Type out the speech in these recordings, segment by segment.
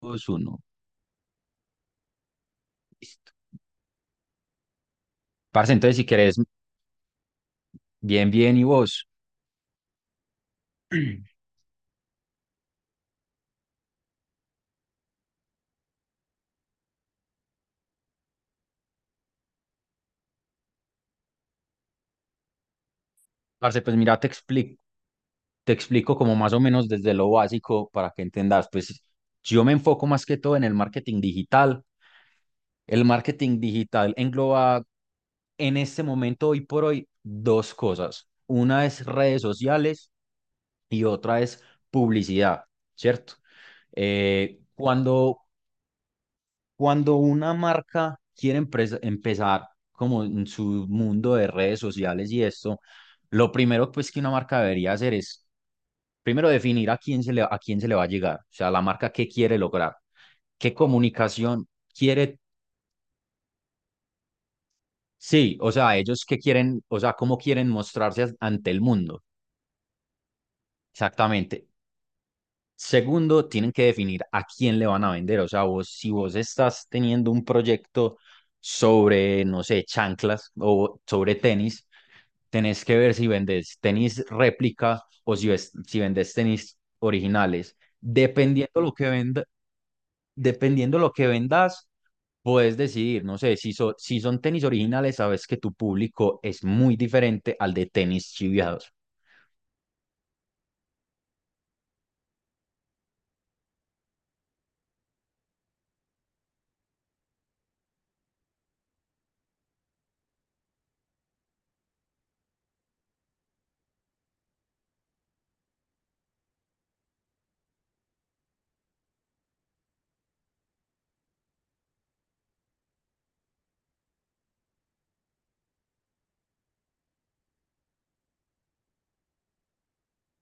Dos uno. Listo. Parce, entonces si querés. Bien, bien, ¿y vos? Parce, pues mira, te explico. Te explico, como más o menos desde lo básico para que entendas. Pues yo me enfoco más que todo en el marketing digital. El marketing digital engloba en este momento, hoy por hoy, dos cosas. Una es redes sociales y otra es publicidad, ¿cierto? Eh, cuando Cuando una marca quiere empezar como en su mundo de redes sociales y esto, lo primero pues que una marca debería hacer es primero definir a quién se le, va a llegar, o sea, la marca qué quiere lograr, qué comunicación quiere, sí, o sea, ellos qué quieren, o sea, cómo quieren mostrarse ante el mundo, exactamente. Segundo, tienen que definir a quién le van a vender. O sea, vos, si vos estás teniendo un proyecto sobre, no sé, chanclas o sobre tenis, tenés que ver si vendes tenis réplica o si, si vendes tenis originales. Dependiendo lo que venda, dependiendo lo que vendas, puedes decidir, no sé, si, si son tenis originales, sabes que tu público es muy diferente al de tenis chiviados.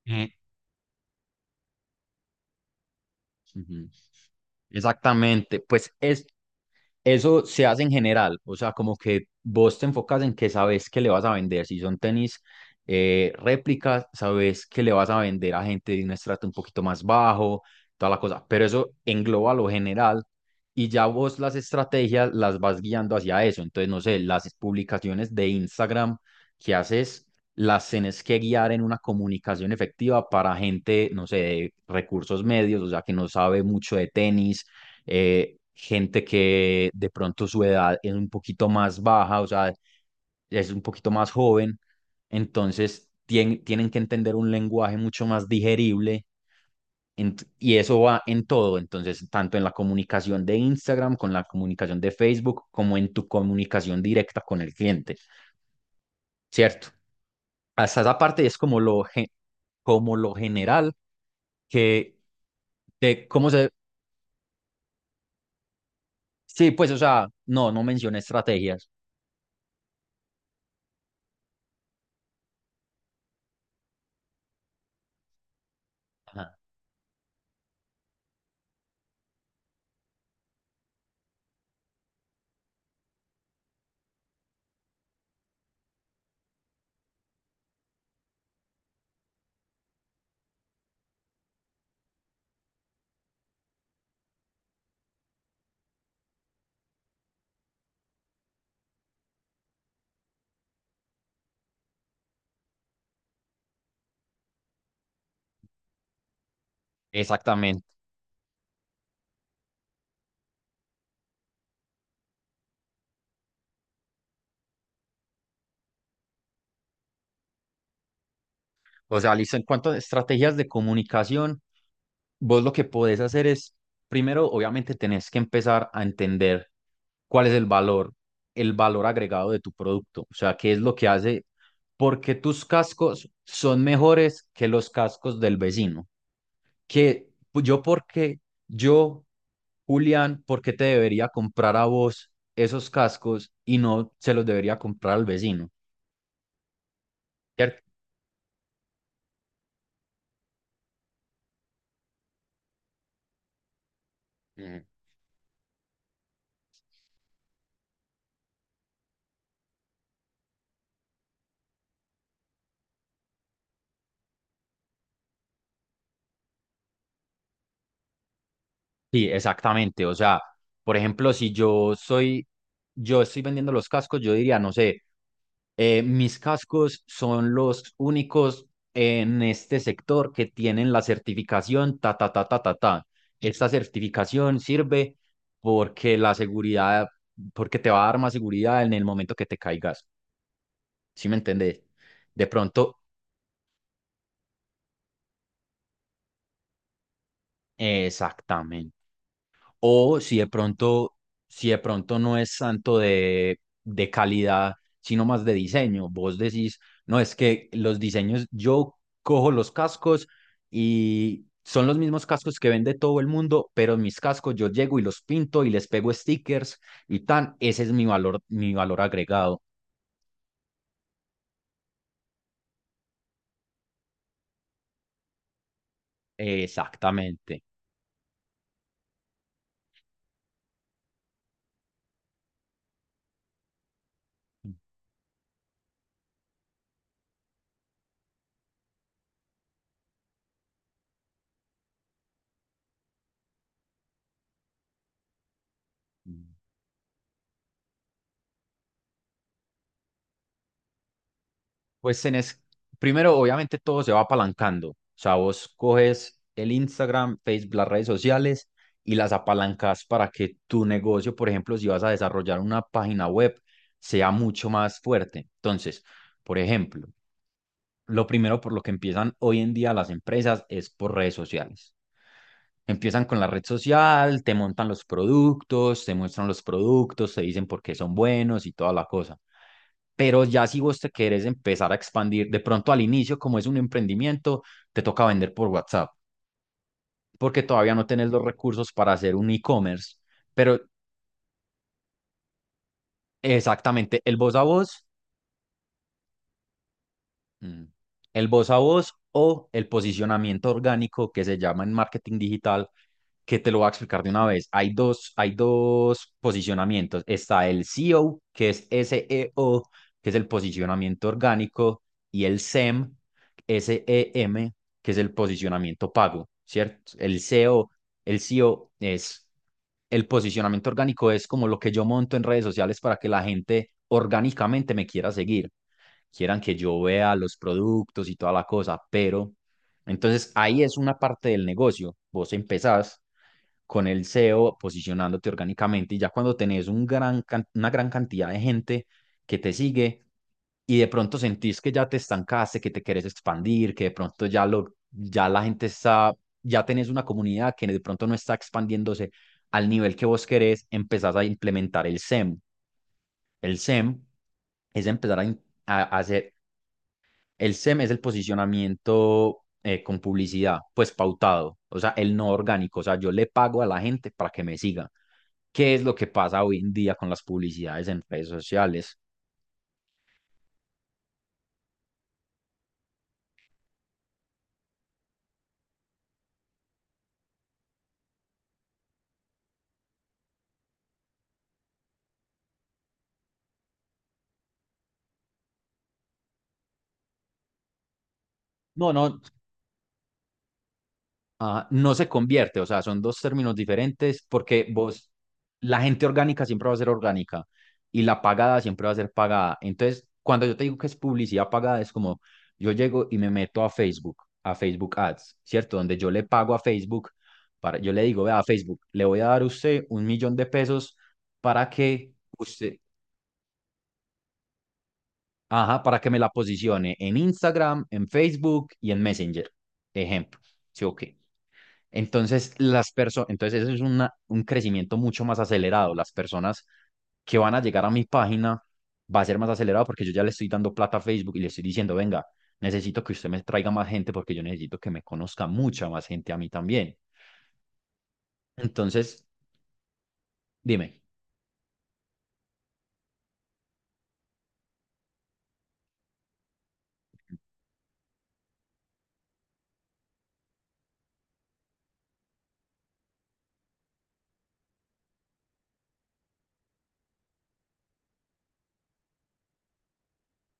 Ujú. Ujú. Exactamente, pues es, Eso se hace en general, o sea, como que vos te enfocas en que sabes que le vas a vender. Si son tenis réplicas, sabes que le vas a vender a gente de un estrato un poquito más bajo, toda la cosa. Pero eso engloba lo general y ya vos las estrategias las vas guiando hacia eso. Entonces, no sé, las publicaciones de Instagram que haces, las tienes que guiar en una comunicación efectiva para gente, no sé, de recursos medios, o sea, que no sabe mucho de tenis gente que de pronto su edad es un poquito más baja, o sea, es un poquito más joven, entonces tienen que entender un lenguaje mucho más digerible, y eso va en todo, entonces tanto en la comunicación de Instagram, con la comunicación de Facebook, como en tu comunicación directa con el cliente, ¿cierto? Hasta esa parte es como como lo general que de cómo se... Sí, pues, o sea, no mencioné estrategias. Ajá. Exactamente. O sea, listo, en cuanto a estrategias de comunicación, vos lo que podés hacer es, primero, obviamente, tenés que empezar a entender cuál es el valor agregado de tu producto. O sea, qué es lo que hace, porque tus cascos son mejores que los cascos del vecino. Que pu- yo, porque yo, Julián, ¿por qué te debería comprar a vos esos cascos y no se los debería comprar al vecino? ¿Cierto? Ujú. Sí, exactamente. O sea, por ejemplo, si yo soy, yo estoy vendiendo los cascos, yo diría, no sé, mis cascos son los únicos en este sector que tienen la certificación ta, ta, ta, ta, ta, ta. Esta certificación sirve porque la seguridad, porque te va a dar más seguridad en el momento que te caigas. ¿Sí me entendés? De pronto, exactamente. O si de pronto, si de pronto no es tanto de calidad, sino más de diseño. Vos decís, no, es que los diseños, yo cojo los cascos y son los mismos cascos que vende todo el mundo, pero mis cascos yo llego y los pinto y les pego stickers y tan, ese es mi valor agregado. Exactamente. Pues tenés, primero, obviamente todo se va apalancando. O sea, vos coges el Instagram, Facebook, las redes sociales y las apalancas para que tu negocio, por ejemplo, si vas a desarrollar una página web, sea mucho más fuerte. Entonces, por ejemplo, lo primero por lo que empiezan hoy en día las empresas es por redes sociales. Empiezan con la red social, te montan los productos, te muestran los productos, te dicen por qué son buenos y toda la cosa. Pero ya si vos te querés empezar a expandir, de pronto al inicio, como es un emprendimiento, te toca vender por WhatsApp, porque todavía no tenés los recursos para hacer un e-commerce. Pero exactamente, el voz a voz, mm, el voz a voz o el posicionamiento orgánico que se llama en marketing digital, que te lo voy a explicar de una vez. Hay dos posicionamientos. Está el SEO, que es el posicionamiento orgánico, y el SEM, SEM, que es el posicionamiento pago, ¿cierto? El SEO es el posicionamiento orgánico, es como lo que yo monto en redes sociales para que la gente orgánicamente me quiera seguir, quieran que yo vea los productos y toda la cosa, pero entonces ahí es una parte del negocio. Vos empezás con el SEO posicionándote orgánicamente y ya cuando tenés un una gran cantidad de gente que te sigue y de pronto sentís que ya te estancaste, que te querés expandir, que de pronto ya, ya la gente está, ya tenés una comunidad que de pronto no está expandiéndose al nivel que vos querés, empezás a implementar el SEM. El SEM es empezar a, in- a hacer el SEM es el posicionamiento con publicidad, pues pautado, o sea, el no orgánico, o sea, yo le pago a la gente para que me siga. ¿Qué es lo que pasa hoy en día con las publicidades en redes sociales? No, no, no se convierte, o sea, son dos términos diferentes porque vos, la gente orgánica siempre va a ser orgánica y la pagada siempre va a ser pagada. Entonces, cuando yo te digo que es publicidad pagada, es como yo llego y me meto a Facebook Ads, ¿cierto? Donde yo le pago a Facebook, para, yo le digo, vea, Facebook, le voy a dar a usted $1.000.000 para que usted, ajá, para que me la posicione en Instagram, en Facebook y en Messenger. Ejemplo, ¿sí o qué? Entonces, entonces eso es un crecimiento mucho más acelerado. Las personas que van a llegar a mi página va a ser más acelerado porque yo ya le estoy dando plata a Facebook y le estoy diciendo, venga, necesito que usted me traiga más gente porque yo necesito que me conozca mucha más gente a mí también. Entonces, dime.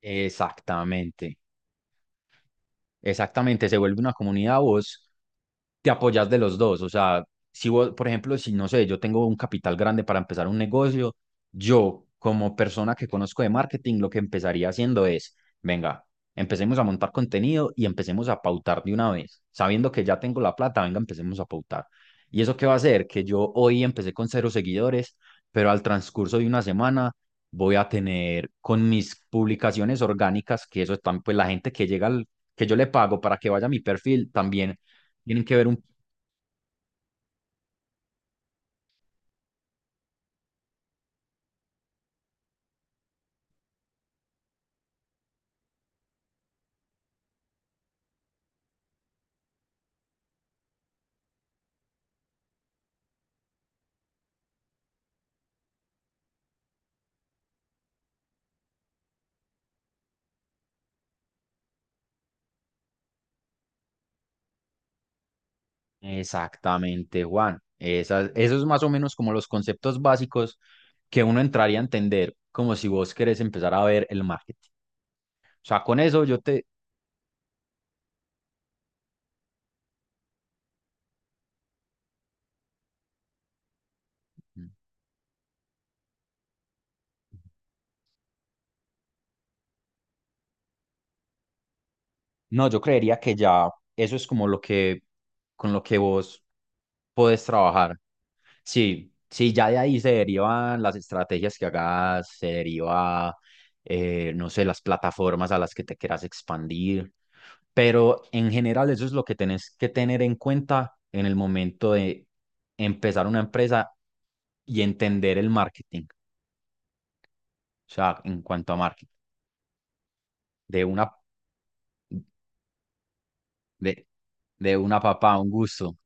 Exactamente. Exactamente, se vuelve una comunidad, vos te apoyas de los dos. O sea, si vos, por ejemplo, si no sé, yo tengo un capital grande para empezar un negocio, yo como persona que conozco de marketing, lo que empezaría haciendo es, venga, empecemos a montar contenido y empecemos a pautar de una vez. Sabiendo que ya tengo la plata, venga, empecemos a pautar. ¿Y eso qué va a hacer? Que yo hoy empecé con cero seguidores, pero al transcurso de una semana voy a tener con mis publicaciones orgánicas, que eso están, pues la gente que llega que yo le pago para que vaya a mi perfil, también tienen que ver un... Exactamente, Juan. Esas, eso es más o menos como los conceptos básicos que uno entraría a entender como si vos querés empezar a ver el marketing. O sea, con eso yo te... No, yo creería que ya eso es como lo que, con lo que vos podés trabajar. Sí, sí, ya de ahí se derivan las estrategias que hagas, se deriva, no sé, las plataformas a las que te quieras expandir, pero en general eso es lo que tenés que tener en cuenta en el momento de empezar una empresa y entender el marketing, o sea, en cuanto a marketing, de una, de, de una papá, un gusto.